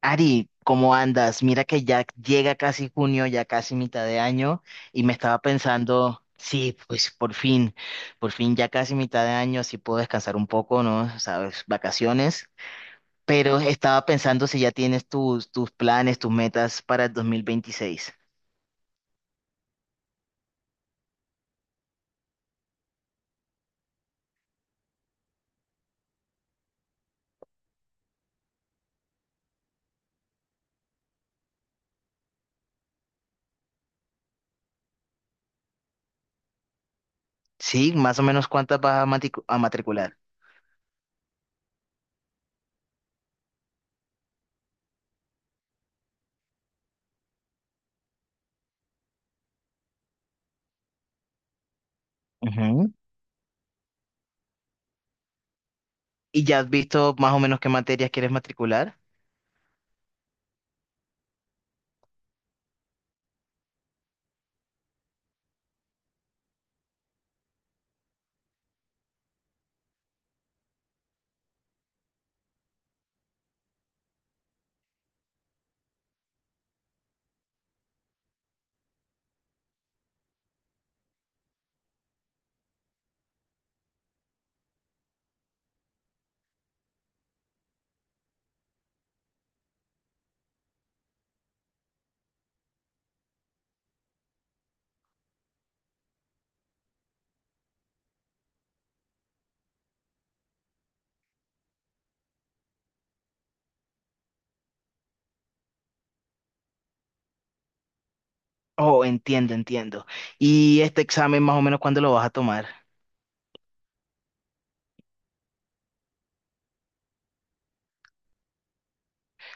Ari, ¿cómo andas? Mira que ya llega casi junio, ya casi mitad de año, y me estaba pensando, sí, pues por fin ya casi mitad de año, así puedo descansar un poco, ¿no? Sabes, vacaciones, pero estaba pensando si ya tienes tus planes, tus metas para el 2026. Sí, más o menos cuántas vas a, a matricular. Ujú. ¿Y ya has visto más o menos qué materias quieres matricular? Oh, entiendo, entiendo. ¿Y este examen más o menos cuándo lo vas a tomar?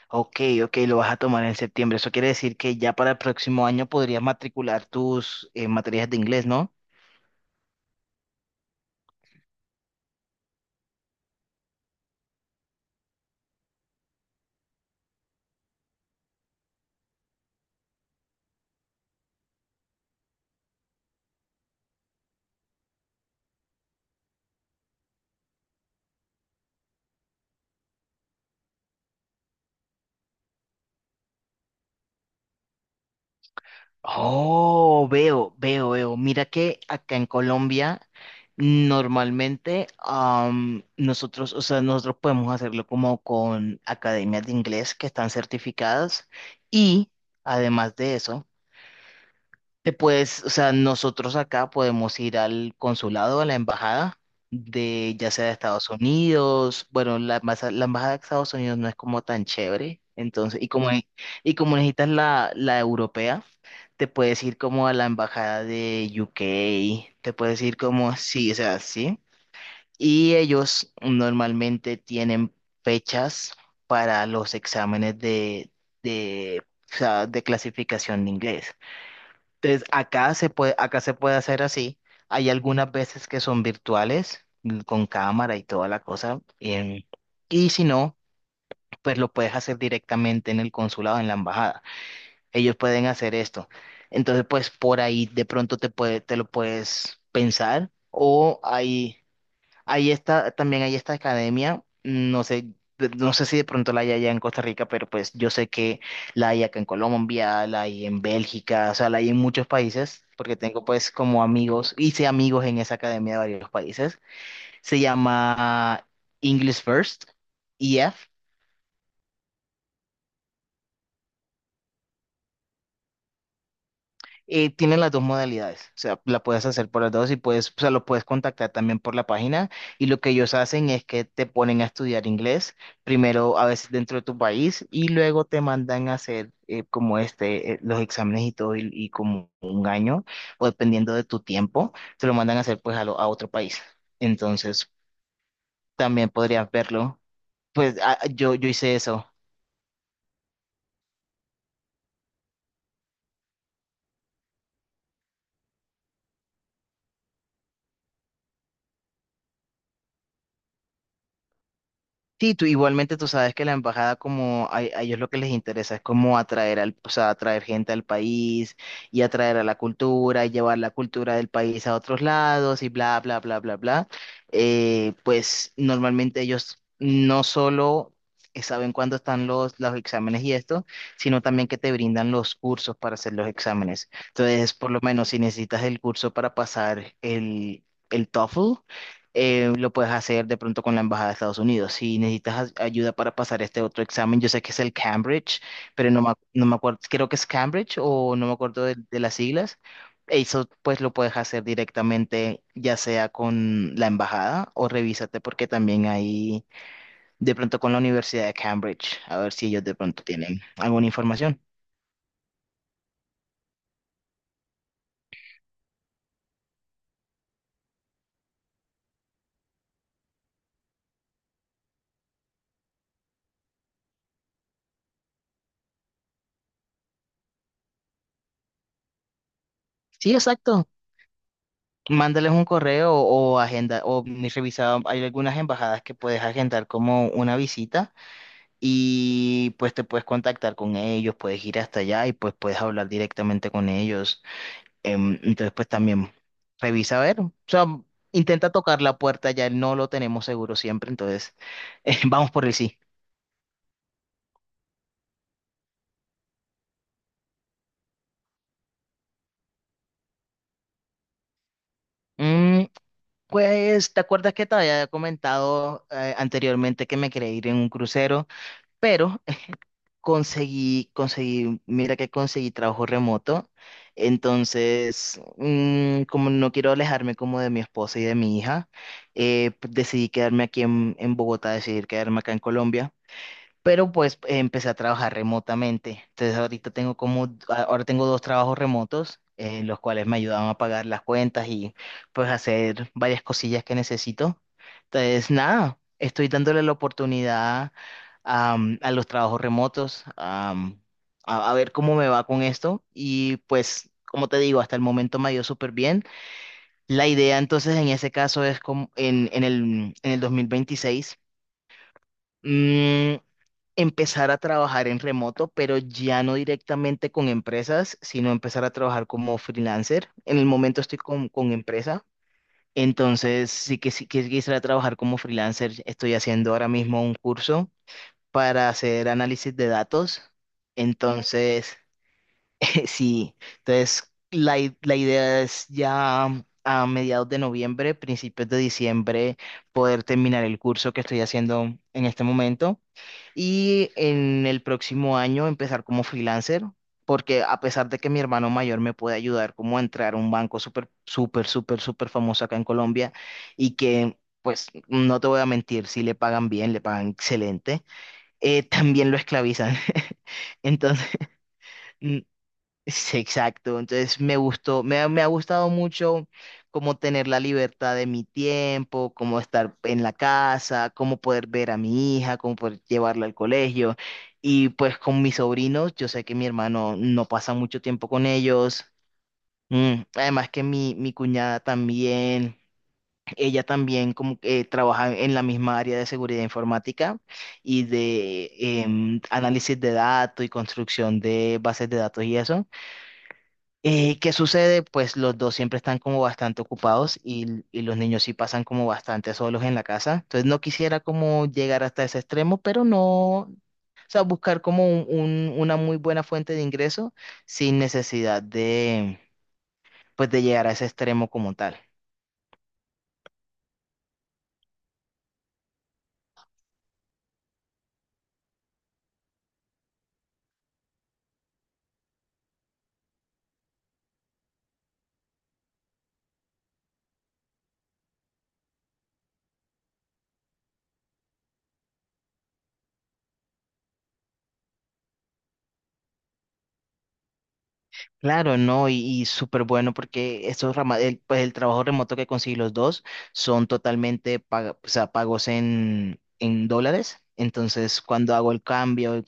Ok, ok, lo vas a tomar en septiembre. Eso quiere decir que ya para el próximo año podrías matricular tus materias de inglés, ¿no? Oh, veo, veo, veo. Mira que acá en Colombia normalmente nosotros, o sea, nosotros podemos hacerlo como con academias de inglés que están certificadas y además de eso. Te puedes, o sea, nosotros acá podemos ir al consulado, a la embajada de ya sea de Estados Unidos, bueno, la, la embajada de Estados Unidos no es como tan chévere, entonces, y como, y como necesitas la, la europea, te puedes ir como a la embajada de UK, te puedes ir como, sí, o sea, sí, y ellos normalmente tienen fechas para los exámenes de, o sea, de clasificación de inglés. Entonces, acá se puede hacer así. Hay algunas veces que son virtuales, mm, con cámara y toda la cosa. Y si no, pues lo puedes hacer directamente en el consulado, en la embajada. Ellos pueden hacer esto. Entonces, pues por ahí de pronto te puede, te lo puedes pensar. O hay, ahí está, también hay esta academia, no sé, no sé si de pronto la hay allá en Costa Rica, pero pues yo sé que la hay acá en Colombia, la hay en Bélgica, o sea, la hay en muchos países, porque tengo pues como amigos, hice amigos en esa academia de varios países. Se llama English First, EF. Tienen las dos modalidades, o sea, la puedes hacer por las dos y puedes, o sea, lo puedes contactar también por la página y lo que ellos hacen es que te ponen a estudiar inglés, primero a veces dentro de tu país y luego te mandan a hacer como este, los exámenes y todo y como un año o dependiendo de tu tiempo, te lo mandan a hacer pues a, a otro país. Entonces, también podrías verlo. Pues yo hice eso. Sí, tú igualmente tú sabes que la embajada como a ellos lo que les interesa es como atraer al, o sea, atraer gente al país y atraer a la cultura y llevar la cultura del país a otros lados y bla, bla, bla, bla, bla. Pues normalmente ellos no solo saben cuándo están los exámenes y esto, sino también que te brindan los cursos para hacer los exámenes. Entonces, por lo menos si necesitas el curso para pasar el TOEFL, lo puedes hacer de pronto con la Embajada de Estados Unidos. Si necesitas ayuda para pasar este otro examen, yo sé que es el Cambridge, pero no me, no me acuerdo, creo que es Cambridge o no me acuerdo de las siglas. Eso pues lo puedes hacer directamente ya sea con la embajada o revísate porque también hay de pronto con la Universidad de Cambridge, a ver si ellos de pronto tienen alguna información. Sí, exacto. Mándales un correo o agenda, o ni revisado, hay algunas embajadas que puedes agendar como una visita y pues te puedes contactar con ellos, puedes ir hasta allá y pues puedes hablar directamente con ellos. Entonces pues también revisa a ver, o sea, intenta tocar la puerta, ya no lo tenemos seguro siempre, entonces vamos por el sí. Mm, pues, ¿te acuerdas que te había comentado anteriormente que me quería ir en un crucero? Pero conseguí, mira que conseguí trabajo remoto, entonces, mm, como no quiero alejarme como de mi esposa y de mi hija, decidí quedarme en Bogotá, decidí quedarme acá en Colombia. Pero pues empecé a trabajar remotamente. Entonces ahorita tengo como, ahora tengo dos trabajos remotos, los cuales me ayudaban a pagar las cuentas y pues hacer varias cosillas que necesito. Entonces nada, estoy dándole la oportunidad a los trabajos remotos, a ver cómo me va con esto. Y pues, como te digo, hasta el momento me ha ido súper bien. La idea entonces en ese caso es como en el 2026 empezar a trabajar en remoto, pero ya no directamente con empresas, sino empezar a trabajar como freelancer. En el momento estoy con empresa, entonces sí que quisiera trabajar como freelancer. Estoy haciendo ahora mismo un curso para hacer análisis de datos. Entonces, sí, entonces la idea es ya a mediados de noviembre, principios de diciembre, poder terminar el curso que estoy haciendo en este momento y en el próximo año empezar como freelancer, porque a pesar de que mi hermano mayor me puede ayudar como a entrar a un banco súper, súper, súper, súper famoso acá en Colombia y que, pues, no te voy a mentir, si le pagan bien, le pagan excelente, también lo esclavizan. Entonces, sí, exacto. Entonces me gustó, me ha gustado mucho como tener la libertad de mi tiempo, como estar en la casa, como poder ver a mi hija, como poder llevarla al colegio. Y pues con mis sobrinos, yo sé que mi hermano no pasa mucho tiempo con ellos. Mm, además que mi cuñada también, ella también como que trabaja en la misma área de seguridad informática y de análisis de datos y construcción de bases de datos y eso. ¿Qué sucede? Pues los dos siempre están como bastante ocupados y los niños sí pasan como bastante solos en la casa. Entonces no quisiera como llegar hasta ese extremo, pero no, o sea, buscar como una muy buena fuente de ingreso sin necesidad de, pues de llegar a ese extremo como tal. Claro, no, y súper bueno porque el, pues el trabajo remoto que conseguí los dos son totalmente o sea, pagos en dólares. Entonces, cuando hago el cambio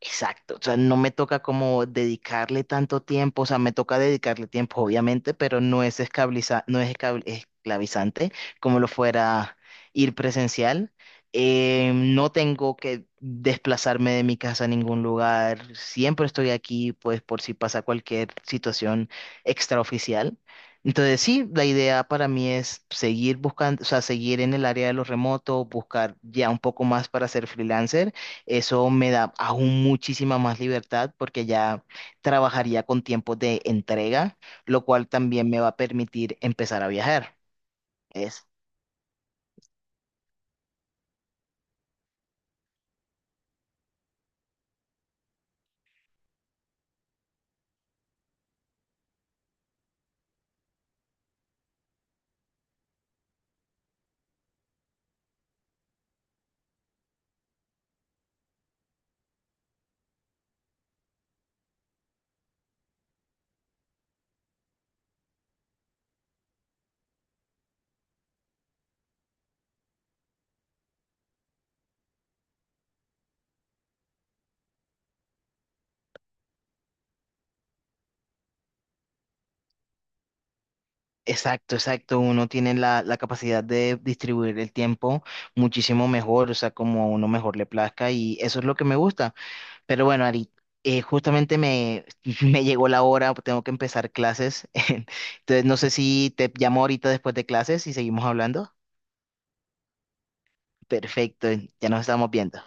exacto, o sea, no me toca como dedicarle tanto tiempo, o sea, me toca dedicarle tiempo, obviamente, pero no es esclavizante como lo fuera ir presencial. No tengo que desplazarme de mi casa a ningún lugar, siempre estoy aquí, pues por si pasa cualquier situación extraoficial. Entonces, sí, la idea para mí es seguir buscando, o sea, seguir en el área de lo remoto, buscar ya un poco más para ser freelancer, eso me da aún muchísima más libertad porque ya trabajaría con tiempos de entrega, lo cual también me va a permitir empezar a viajar. Es exacto, exacto. Uno tiene la capacidad de distribuir el tiempo muchísimo mejor, o sea, como a uno mejor le plazca y eso es lo que me gusta. Pero bueno, Ari, justamente me, me llegó la hora, tengo que empezar clases. Entonces, no sé si te llamo ahorita después de clases y seguimos hablando. Perfecto, ya nos estamos viendo.